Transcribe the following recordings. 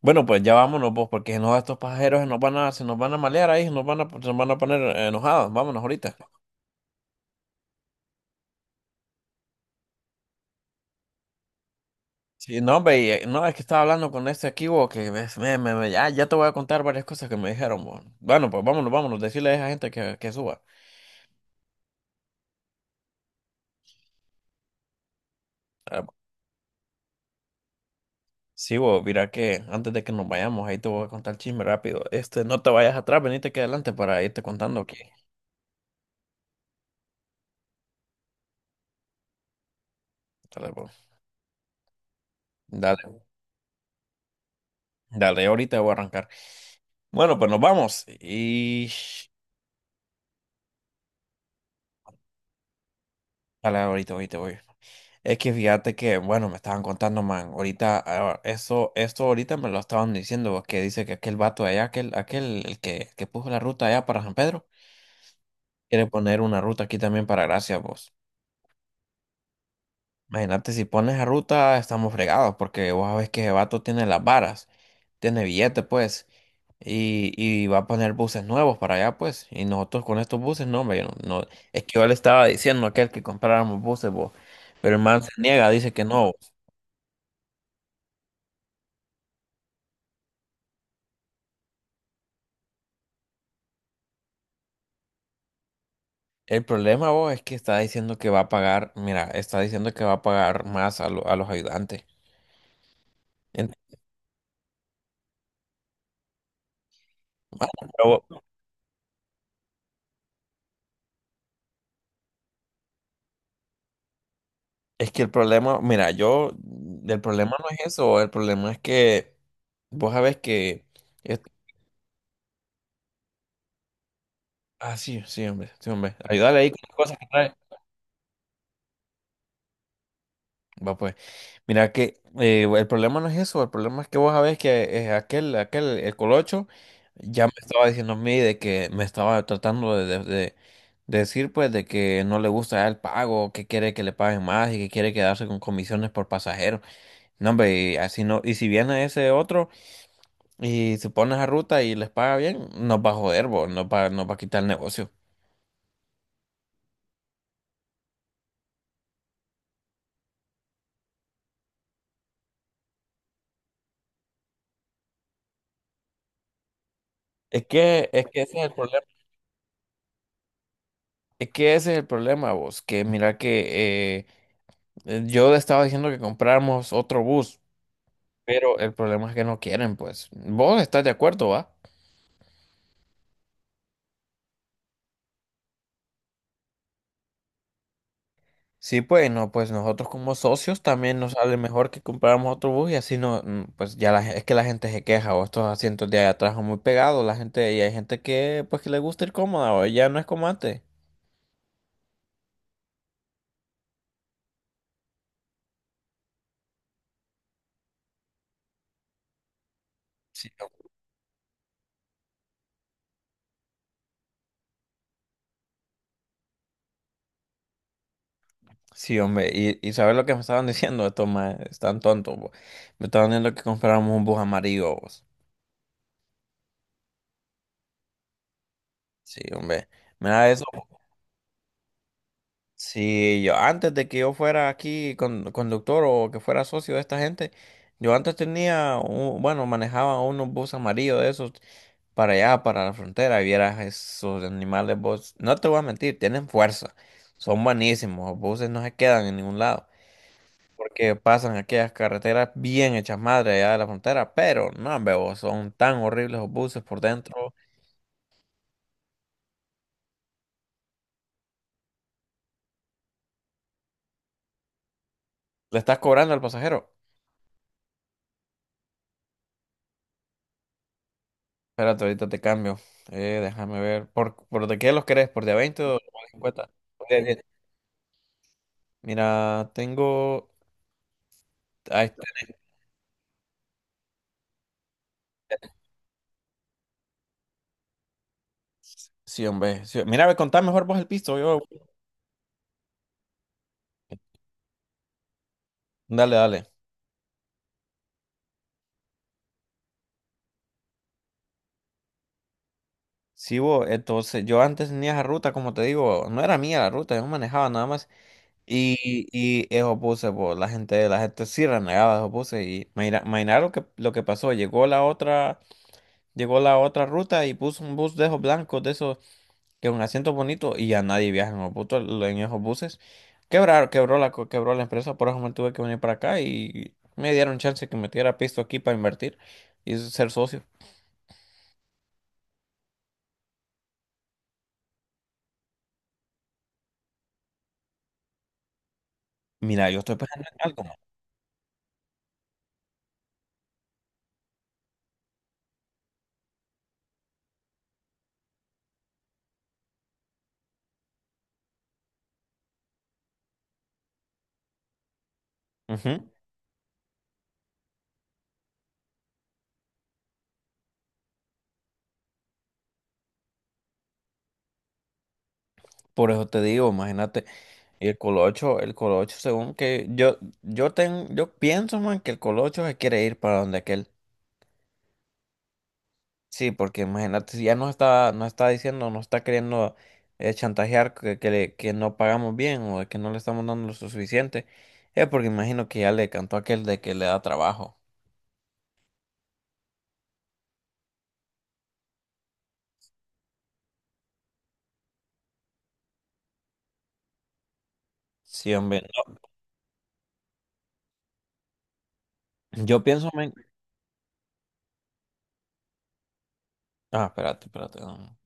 Bueno, pues ya vámonos, pues, porque si no, estos pasajeros se nos van a malear ahí, se nos van a poner enojados. Vámonos ahorita. Sí, no, hombre, no, es que estaba hablando con este aquí, bo, que ves, ya te voy a contar varias cosas que me dijeron, bo. Bueno, pues vámonos, decirle a esa gente que suba. Ah, sí, bo, mira que antes de que nos vayamos, ahí te voy a contar el chisme rápido. Este, no te vayas atrás, venite aquí adelante para irte contando que. Dale, bo. Dale, dale, ahorita voy a arrancar. Bueno, pues nos vamos y… Dale, ahorita voy. Es que fíjate que, bueno, me estaban contando, man, ahorita, esto ahorita me lo estaban diciendo, que dice que aquel vato de allá, el que puso la ruta allá para San Pedro, quiere poner una ruta aquí también para Gracia, vos. Imagínate, si pones la ruta, estamos fregados, porque vos sabés que ese vato tiene las varas, tiene billete, pues, y va a poner buses nuevos para allá, pues, y nosotros con estos buses, no, hombre, yo no, es que yo le estaba diciendo a aquel que compráramos buses, vos, pero el man se niega, dice que no. El problema, vos, es que está diciendo que va a pagar, mira, está diciendo que va a pagar más a los ayudantes. En- pero es que el problema, mira, yo, el problema no es eso, el problema es que vos sabés que, es- ah, sí, sí, hombre, ayúdale ahí con las cosas que trae. Va pues, mira que el problema no es eso, el problema es que vos sabés que el colocho, ya me estaba diciendo a mí de que me estaba tratando de decir pues de que no le gusta el pago, que quiere que le paguen más y que quiere quedarse con comisiones por pasajero. No, hombre, y así no, y si viene ese otro y se pone esa ruta y les paga bien, nos va a joder, vos, nos va a quitar el negocio. Es que ese es el problema, es que ese es el problema, vos, que mira que yo le estaba diciendo que compráramos otro bus, pero el problema es que no quieren, pues. ¿Vos estás de acuerdo, va? Sí, pues no, pues nosotros como socios también nos sale mejor que compráramos otro bus y así no, pues ya es que la gente se queja o estos asientos de allá atrás son muy pegados, la gente y hay gente que pues que le gusta ir cómoda o ya no es como antes. Sí, hom- sí, hombre, y sabes lo que me estaban diciendo estos más, están tontos, vos. Me estaban diciendo que compráramos un bus amarillo, vos. Sí, hombre. Mira eso. Sí, yo antes de que yo fuera aquí conductor o que fuera socio de esta gente, yo antes tenía, bueno, manejaba unos bus amarillos de esos para allá, para la frontera, y vieras esos animales, vos, no te voy a mentir, tienen fuerza, son buenísimos, los buses no se quedan en ningún lado, porque pasan aquellas carreteras bien hechas madre allá de la frontera, pero no, veo, son tan horribles los buses por dentro, le estás cobrando al pasajero. Espérate, ahorita te cambio. Déjame ver. ¿Por de qué los querés? ¿Por de a 20 o de 50? Por de a 10. Mira, tengo. Ahí está. Sí, hombre. Sí, mira, ve, contá mejor vos el piso. Yo… Dale, dale. Sí, vos. Entonces, yo antes tenía esa ruta, como te digo, no era mía la ruta, yo manejaba nada más. Y eso puse, pues, la gente sí renegaba, eso puse. Y imagina lo que pasó. Llegó la otra ruta y puso un bus de esos blancos, de esos que un asiento bonito y ya nadie viaja en, en esos buses. Quebraron, quebró la empresa, por eso me tuve que venir para acá y me dieron chance que metiera pisto aquí para invertir y ser socio. Mira, yo estoy pensando en algo, man. Ujú. Por eso te digo, imagínate, el colocho, según que yo pienso, man, que el colocho se quiere ir para donde aquel. Sí, porque imagínate, si ya nos está diciendo, nos está queriendo chantajear que no pagamos bien o que no le estamos dando lo suficiente, es porque imagino que ya le cantó aquel de que le da trabajo. Sí, hombre. No, yo pienso, ah, espérate, espérate. No, no.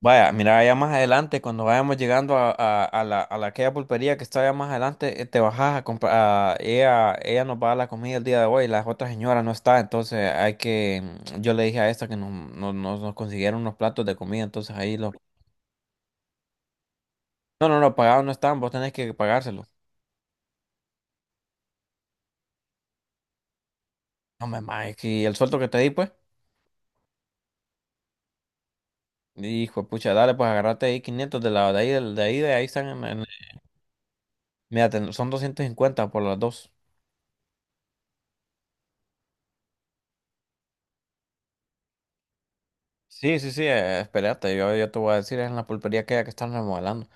Vaya, mira, allá más adelante, cuando vayamos llegando a aquella pulpería que está allá más adelante, te bajas a comprar, ella, ella nos va a dar la comida el día de hoy, la otra señora no está, entonces hay que, mm, yo le dije a esta que nos consiguieron unos platos de comida, entonces ahí los, no, pagados no están, vos tenés que pagárselo. No, mamá, es que el sueldo que te di, pues, hijo de pucha, dale, pues agarrate ahí 500 de de ahí, de ahí, de ahí están, mira, son 250 por las dos. Sí, espérate, yo te voy a decir, es en la pulpería que están remodelando.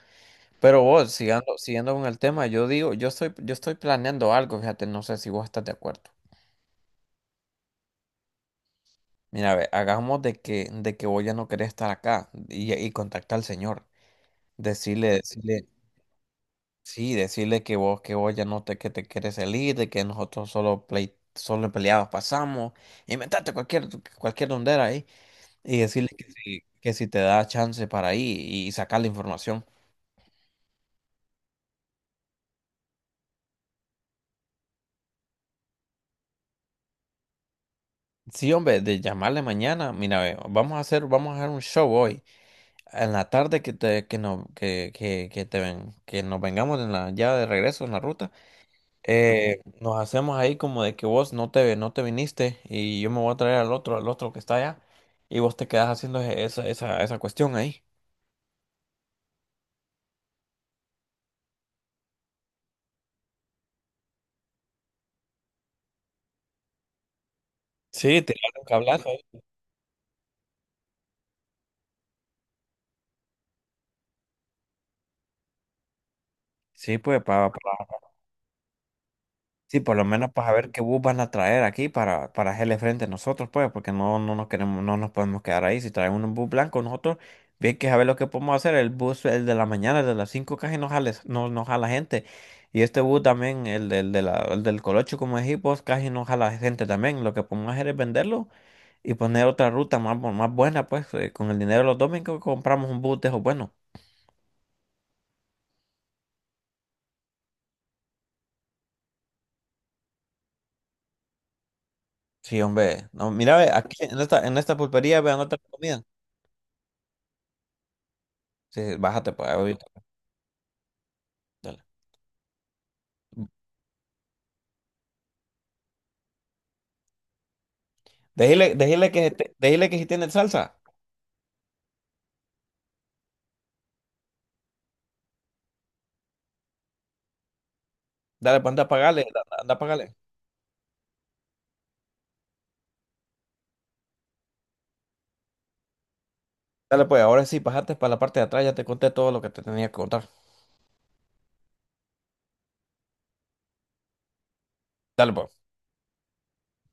Pero vos, siguiendo con el tema, yo digo, yo estoy planeando algo, fíjate, no sé si vos estás de acuerdo. Mira, ve, hagamos de que vos ya no querés estar acá y contactar al señor. Decirle, sí, decirle que vos ya no te, que te quieres salir, de que nosotros solo play, solo peleados pasamos. Inventate cualquier, cualquier dondera ahí. Y decirle que si te da chance para ir y sacar la información. Sí, hombre, de llamarle mañana. Mira, ve, vamos a hacer un show hoy. En la tarde que te, que no, que te ven, que nos vengamos en la, ya de regreso en la ruta. Eh, nos hacemos ahí como de que vos no te, no te viniste y yo me voy a traer al otro que está allá. Y vos te quedas haciendo esa cuestión ahí. Sí, te un cablazo ahí. Sí, pues, para sí, por lo menos para ver qué bus van a traer aquí para hacerle frente a nosotros, pues, porque no, no nos podemos quedar ahí. Si traen un bus blanco, nosotros, bien que saber lo que podemos hacer, el bus, el de la mañana, el de las 5 casi no jala, no jala gente. Y este bus también, el del Colocho como dijimos casi no jala gente también. Lo que podemos hacer es venderlo y poner otra ruta más, más buena, pues, con el dinero de los domingos compramos un bus de esos buenos. Sí, hombre. No, mira, ve, aquí en esta pulpería, vean otra comida. Sí, sí, bájate, pues, ahorita. Dale. Déjele déjele que si tiene salsa. Dale, pues anda a pagarle, anda a pagarle. Dale, pues ahora sí, pasaste para la parte de atrás, ya te conté todo lo que te tenía que contar. Dale, pues.